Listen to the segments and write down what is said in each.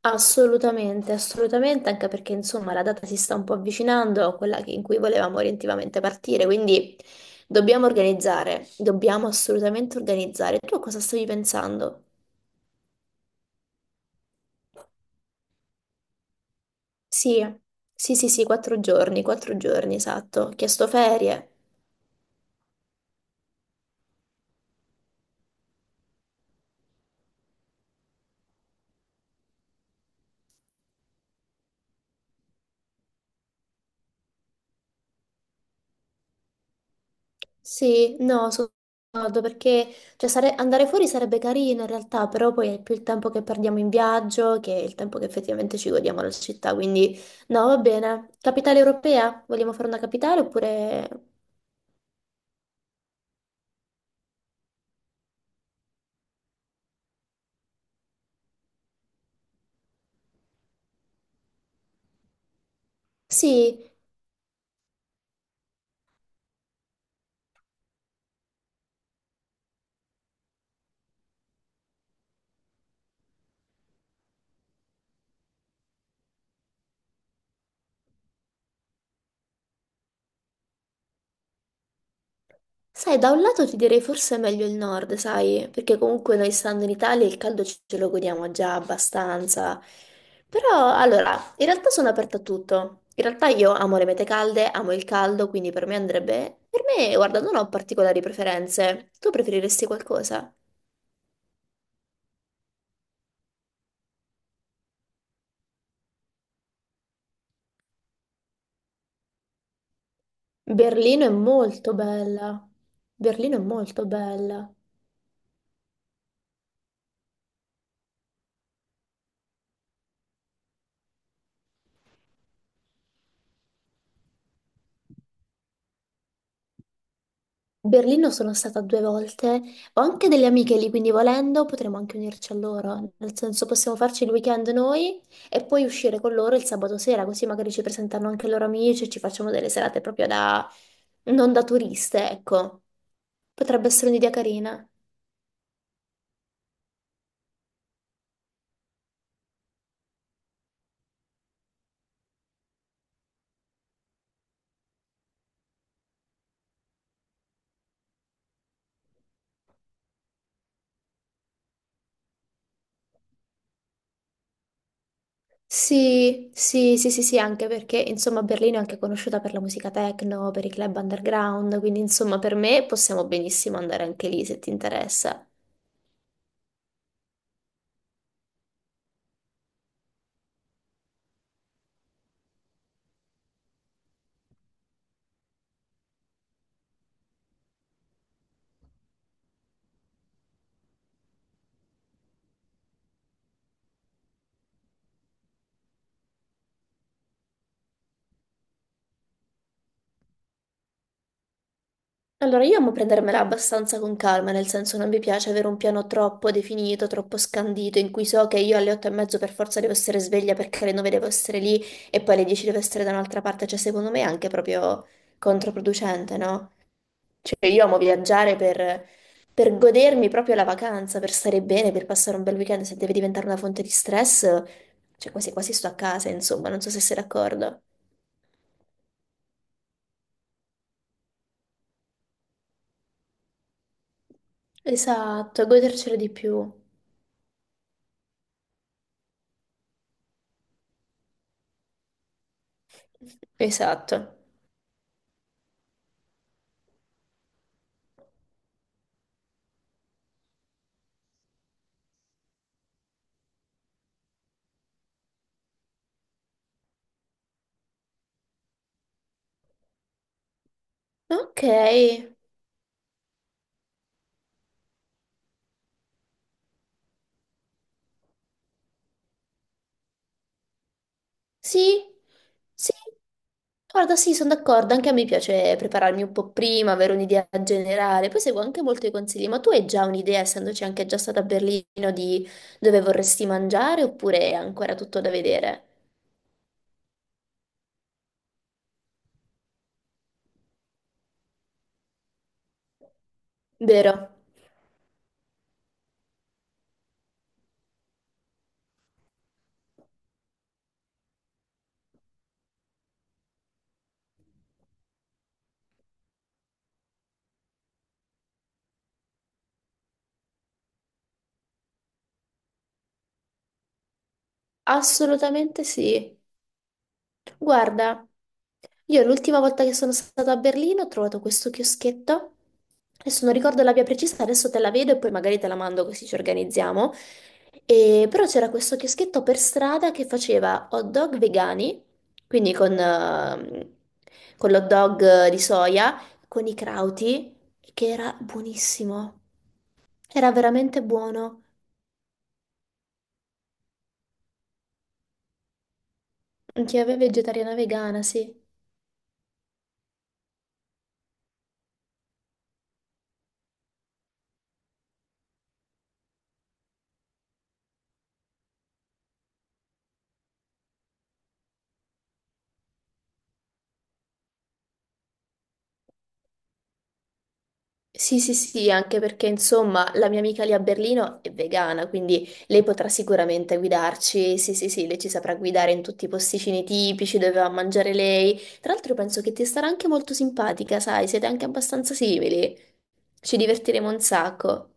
Assolutamente, assolutamente, anche perché insomma la data si sta un po' avvicinando a quella che- in cui volevamo orientativamente partire, quindi dobbiamo organizzare, dobbiamo assolutamente organizzare. Tu a cosa stavi pensando? Sì, sì, sì, sì, 4 giorni, 4 giorni, esatto. Ho chiesto ferie. Sì, no, sono d'accordo perché cioè, andare fuori sarebbe carino in realtà, però poi è più il tempo che perdiamo in viaggio che il tempo che effettivamente ci godiamo la città, quindi no, va bene. Capitale europea? Vogliamo fare una capitale oppure... Sì. Sai, da un lato ti direi forse è meglio il nord, sai, perché comunque noi stando in Italia il caldo ce lo godiamo già abbastanza. Però, allora, in realtà sono aperta a tutto. In realtà io amo le mete calde, amo il caldo, quindi per me andrebbe... Per me, guarda, non ho particolari preferenze. Tu preferiresti qualcosa? Berlino è molto bella. Berlino è molto bella. Berlino sono stata due volte, ho anche delle amiche lì, quindi volendo potremmo anche unirci a loro, nel senso possiamo farci il weekend noi e poi uscire con loro il sabato sera, così magari ci presentano anche i loro amici e ci facciamo delle serate proprio da... non da turiste, ecco. Potrebbe essere un'idea carina. Sì, sì, sì, sì, sì, anche perché insomma Berlino è anche conosciuta per la musica techno, per i club underground, quindi insomma per me possiamo benissimo andare anche lì se ti interessa. Allora, io amo prendermela abbastanza con calma, nel senso non mi piace avere un piano troppo definito, troppo scandito, in cui so che io alle 8:30 per forza devo essere sveglia perché alle 9 devo essere lì e poi alle 10 devo essere da un'altra parte, cioè secondo me è anche proprio controproducente, no? Cioè io amo viaggiare per godermi proprio la vacanza, per stare bene, per passare un bel weekend, se deve diventare una fonte di stress, cioè quasi quasi sto a casa, insomma, non so se sei d'accordo. Esatto, godercelo di più. Esatto. Ok, sì, sì, guarda, sì, sono d'accordo, anche a me piace prepararmi un po' prima, avere un'idea generale, poi seguo anche molti consigli, ma tu hai già un'idea, essendoci anche già stata a Berlino, di dove vorresti mangiare oppure è ancora tutto da vedere? Vero? Assolutamente sì. Guarda, io l'ultima volta che sono stata a Berlino ho trovato questo chioschetto. Adesso non ricordo la via precisa, adesso te la vedo e poi magari te la mando così ci organizziamo. Però c'era questo chioschetto per strada che faceva hot dog vegani, quindi con l'hot dog di soia, con i crauti, che era buonissimo. Era veramente buono. Chiave vegetariana vegana, sì. Sì, sì, sì, anche perché insomma la mia amica lì a Berlino è vegana, quindi lei potrà sicuramente guidarci. Sì, sì, sì, lei ci saprà guidare in tutti i posticini tipici dove va a mangiare lei. Tra l'altro penso che ti starà anche molto simpatica, sai, siete anche abbastanza simili. Ci divertiremo un sacco.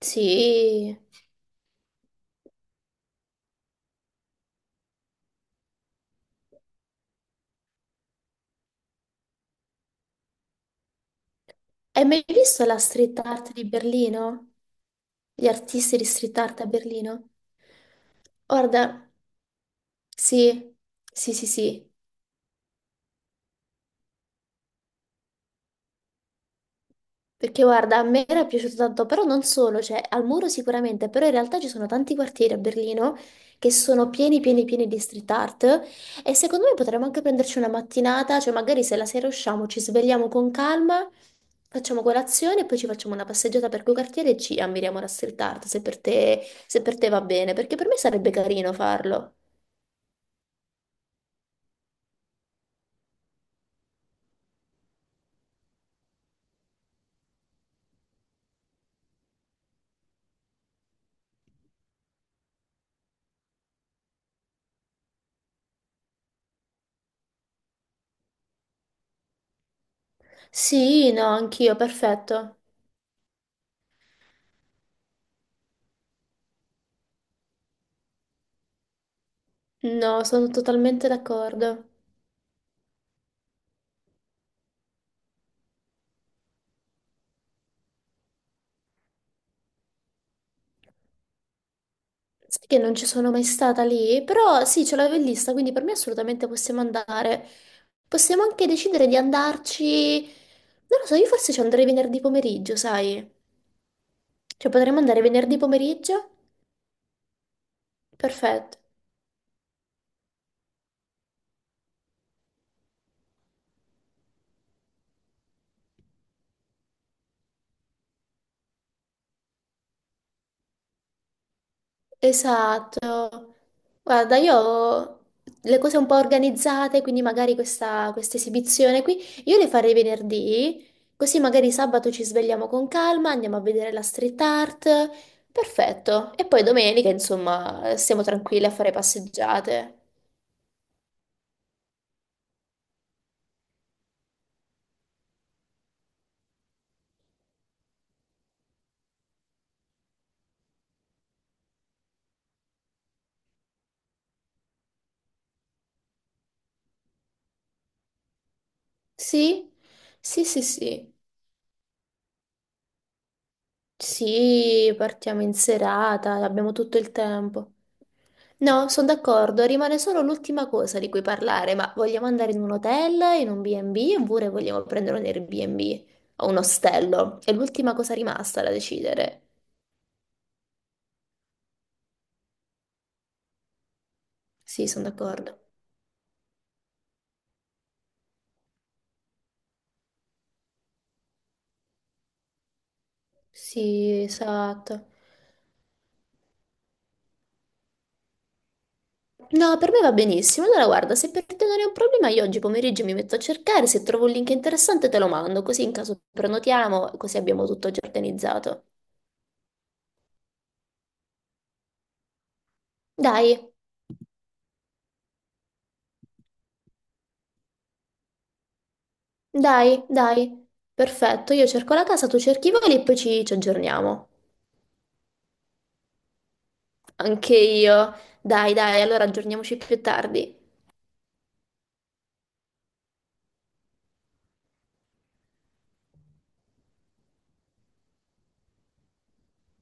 Sì. Hai mai visto la street art di Berlino? Gli artisti di street art a Berlino? Guarda, sì, sì, sì, sì. Perché guarda, a me era piaciuto tanto, però non solo, cioè al muro sicuramente, però in realtà ci sono tanti quartieri a Berlino che sono pieni, pieni, pieni di street art e secondo me potremmo anche prenderci una mattinata, cioè magari se la sera usciamo, ci svegliamo con calma, facciamo colazione e poi ci facciamo una passeggiata per quei quartieri e ci ammiriamo la street art, se per te, se per te va bene, perché per me sarebbe carino farlo. Sì, no, anch'io, perfetto. No, sono totalmente d'accordo. Sai che non ci sono mai stata lì, però sì, ce l'avevo in lista, quindi per me assolutamente possiamo andare. Possiamo anche decidere di andarci. Non lo so, io forse ci andrei venerdì pomeriggio, sai? Cioè, potremmo andare venerdì pomeriggio? Perfetto. Esatto. Guarda, io ho le cose un po' organizzate, quindi magari questa esibizione qui, io le farei venerdì, così magari sabato ci svegliamo con calma, andiamo a vedere la street art. Perfetto. E poi domenica, insomma, stiamo tranquilli a fare passeggiate. Sì? Sì, sì, sì. Sì, partiamo in serata, abbiamo tutto il tempo. No, sono d'accordo, rimane solo l'ultima cosa di cui parlare, ma vogliamo andare in un hotel, in un B&B oppure vogliamo prendere un Airbnb o un ostello? È l'ultima cosa rimasta da decidere. Sì, sono d'accordo. Sì, esatto. No, per me va benissimo. Allora, guarda, se per te non è un problema, io oggi pomeriggio mi metto a cercare, se trovo un link interessante te lo mando, così in caso prenotiamo, così abbiamo tutto già organizzato. Dai, dai, dai. Perfetto, io cerco la casa, tu cerchi i voli e poi ci aggiorniamo. Anche io. Dai, dai, allora aggiorniamoci più tardi.